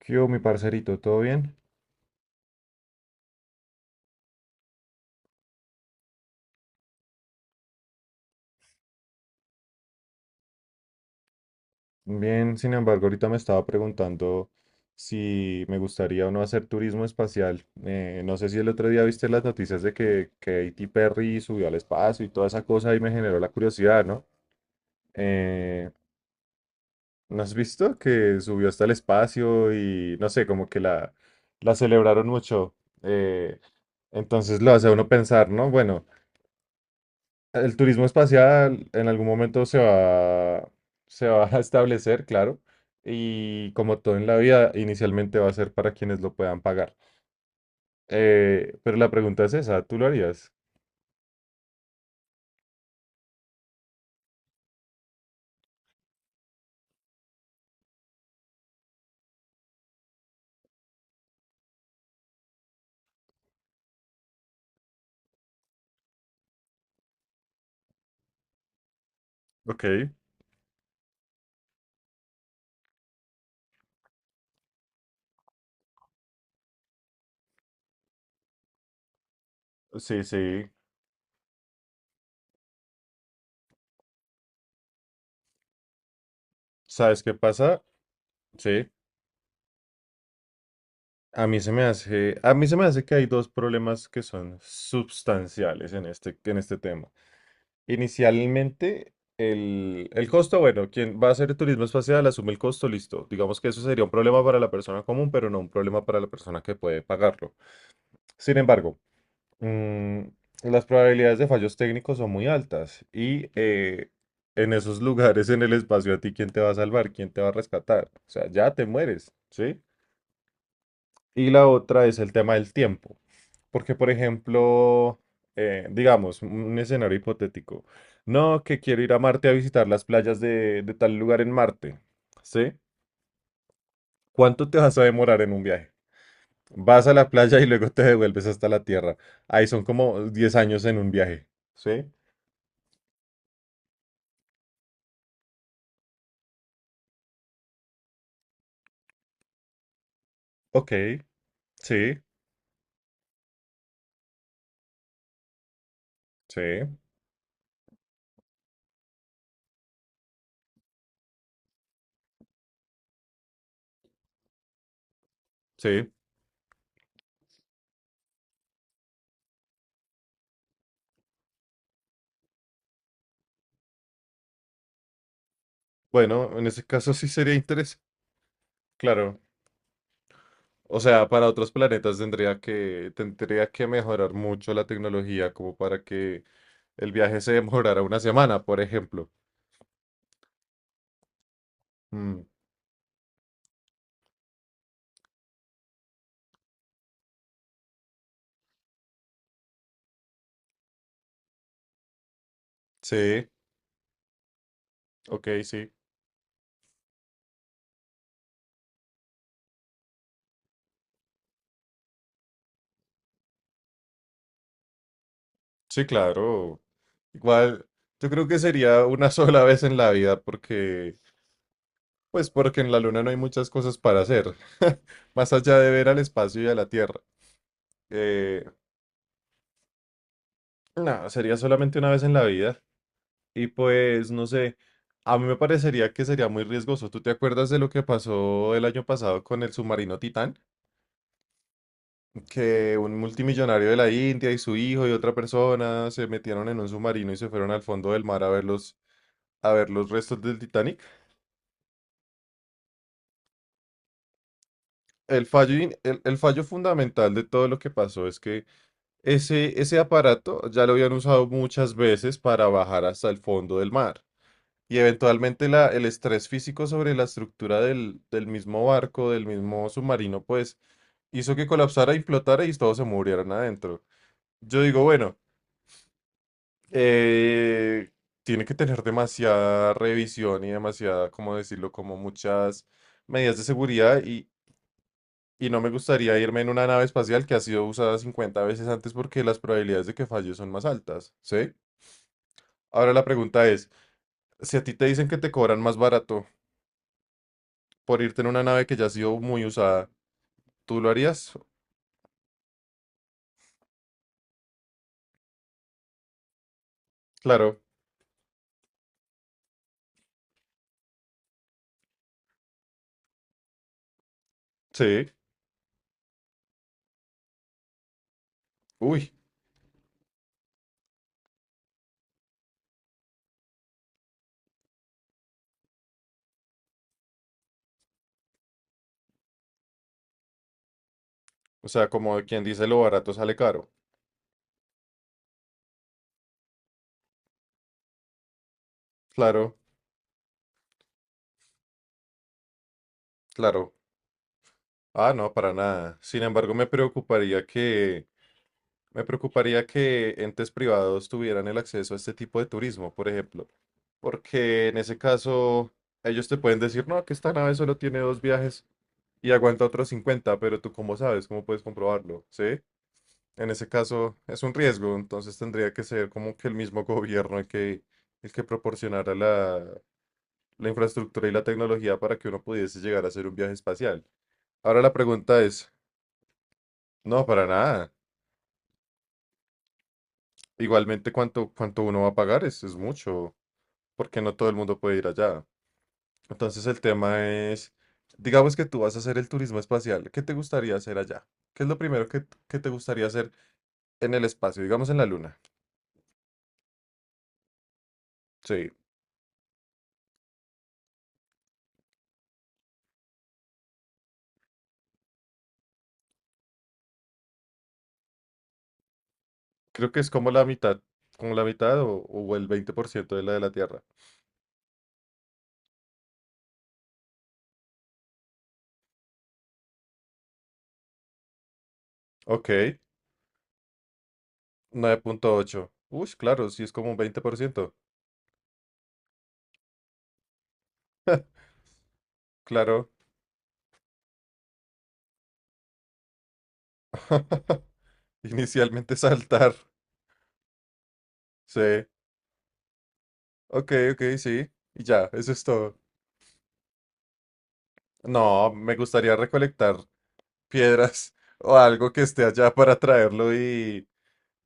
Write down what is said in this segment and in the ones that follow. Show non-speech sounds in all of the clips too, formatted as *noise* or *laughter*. ¿Qué hubo, mi parcerito? ¿Todo bien? Bien, sin embargo, ahorita me estaba preguntando si me gustaría o no hacer turismo espacial. No sé si el otro día viste las noticias de que Katy Perry subió al espacio y toda esa cosa y me generó la curiosidad, ¿no? Eh, ¿No has visto que subió hasta el espacio y no sé, como que la celebraron mucho? Eh, entonces lo hace a uno pensar, ¿no? Bueno, el turismo espacial en algún momento se va a establecer, claro, y como todo en la vida, inicialmente va a ser para quienes lo puedan pagar. Pero la pregunta es esa, ¿tú lo harías? Ok, sí, sí. ¿Sabes qué pasa? Sí. A mí se me hace que hay dos problemas que son sustanciales en este tema. Inicialmente, el costo, bueno, quien va a hacer turismo espacial asume el costo, listo. Digamos que eso sería un problema para la persona común, pero no un problema para la persona que puede pagarlo. Sin embargo, mm, las probabilidades de fallos técnicos son muy altas y en esos *laughs* lugares en el espacio, ¿a ti quién te va a salvar? ¿Quién te va a rescatar? O sea, ya te mueres, ¿sí? Y la otra es el tema del tiempo. Porque, por ejemplo, digamos, un escenario hipotético. No, que quiero ir a Marte a visitar las playas de tal lugar en Marte. ¿Sí? ¿Cuánto te vas a demorar en un viaje? Vas a la playa y luego te devuelves hasta la Tierra. Ahí son como 10 años en un viaje. ¿Sí? Ok. Sí. Sí. Sí. Bueno, en ese caso sí sería interesante. Claro. O sea, para otros planetas tendría que mejorar mucho la tecnología como para que el viaje se demorara una semana, por ejemplo. Mm, sí, ok, sí. Sí, claro. Igual, yo creo que sería una *laughs* sola vez en la vida pues porque en la Luna no hay muchas cosas para hacer, *laughs* más allá de ver al espacio y a la Tierra. Eh, no, sería solamente una vez en la vida. Y pues, no sé, a mí me parecería que sería muy riesgoso. ¿Tú te acuerdas de lo que pasó el año pasado con el submarino Titán? Que un multimillonario de la India y su hijo y otra persona se metieron en un submarino y se fueron al fondo del mar a ver los, restos del Titanic. El fallo, el fallo fundamental de todo lo que pasó es que ese aparato ya lo habían usado muchas veces para bajar hasta el fondo del mar. Y eventualmente el estrés físico sobre la estructura del mismo barco, del mismo submarino, pues hizo que colapsara y flotara y todos se murieran adentro. Yo digo, bueno, eh, tiene que tener demasiada revisión y demasiada, ¿cómo decirlo? Como muchas medidas de seguridad y no me gustaría irme en una nave espacial que ha sido usada 50 veces antes porque las probabilidades de que falle son más altas, ¿sí? Ahora la pregunta es, si a ti te dicen que te cobran más barato, por irte en una nave que ya ha sido muy usada. ¿Tú lo harías? Claro, sí. Uy, o sea, como quien dice lo barato sale caro. Claro, claro. Ah, no, para nada. Sin embargo, me preocuparía que entes privados tuvieran el acceso a este tipo de turismo, por ejemplo. Porque en ese caso, ellos te pueden decir, no, que esta nave solo tiene dos viajes y aguanta otros 50, pero tú cómo sabes, cómo puedes comprobarlo, ¿sí? En ese caso es un riesgo, entonces tendría que ser como que el mismo *laughs* gobierno el que proporcionara la infraestructura y la tecnología para que uno pudiese llegar a hacer un viaje espacial. Ahora la pregunta es, no, para nada. Igualmente, ¿ cuánto uno va a pagar? Es mucho, porque no todo el mundo puede ir allá. Entonces el tema es, digamos que tú vas a hacer el turismo espacial, ¿qué te gustaría hacer allá? ¿Qué es lo primero que te gustaría hacer en el espacio, digamos en la luna? Sí. Creo que es como la mitad o el 20% de la Tierra. Ok, 9,8. Uy, claro, sí es como un 20%. Claro. *laughs* Inicialmente saltar. Sí. Ok, ok, sí. Y ya, eso es todo. No, me gustaría recolectar piedras *laughs* o algo que esté allá para traerlo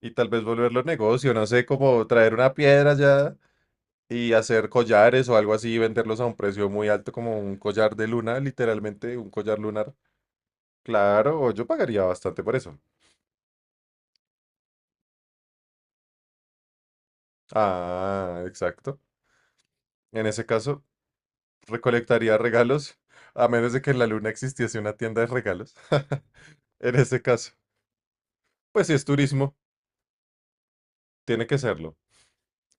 y tal vez volverlo negocio. No sé, como traer una piedra ya y hacer collares o algo así y venderlos a un precio muy alto, como un collar de luna, literalmente un collar lunar. Claro, yo pagaría bastante por eso. Ah, exacto. En ese caso, recolectaría regalos, a menos de que en la luna existiese una tienda de regalos. *laughs* En ese caso, pues si es turismo, tiene que serlo.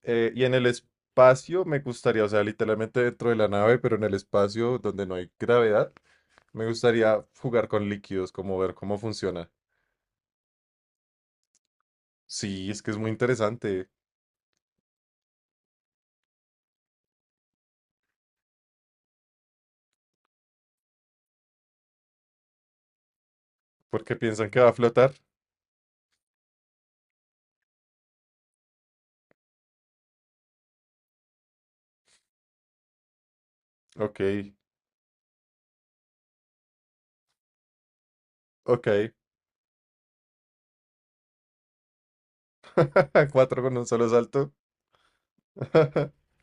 Y en el espacio me gustaría, o sea, literalmente dentro de la nave, pero en el espacio donde no hay gravedad, me gustaría jugar con líquidos, como ver cómo funciona. Sí, es que es muy interesante. ¿Por qué piensan que va a flotar? Ok, ok. *laughs* Cuatro con un solo salto. *laughs*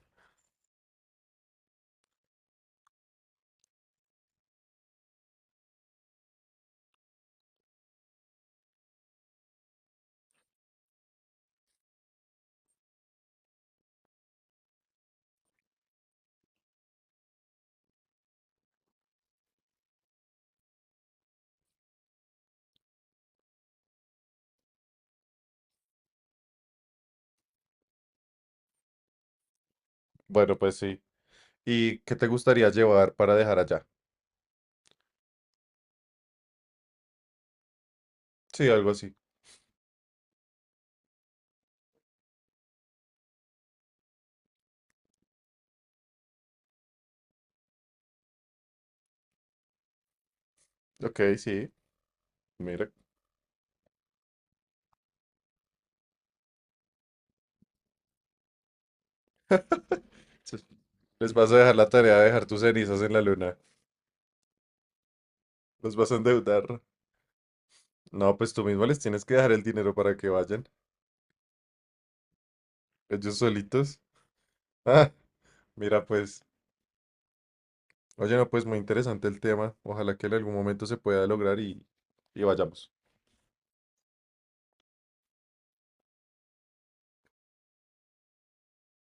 Bueno, pues sí. ¿Y qué te gustaría llevar para dejar allá? Sí, algo así. Ok, sí. Mira. se- Les vas a dejar la tarea de dejar tus cenizas en la luna. Los vas a endeudar. No, pues tú mismo les tienes que dejar el dinero para que vayan. Ellos solitos. Ah, mira, pues. Oye, no, pues muy interesante el tema. Ojalá que en algún momento se pueda lograr y vayamos.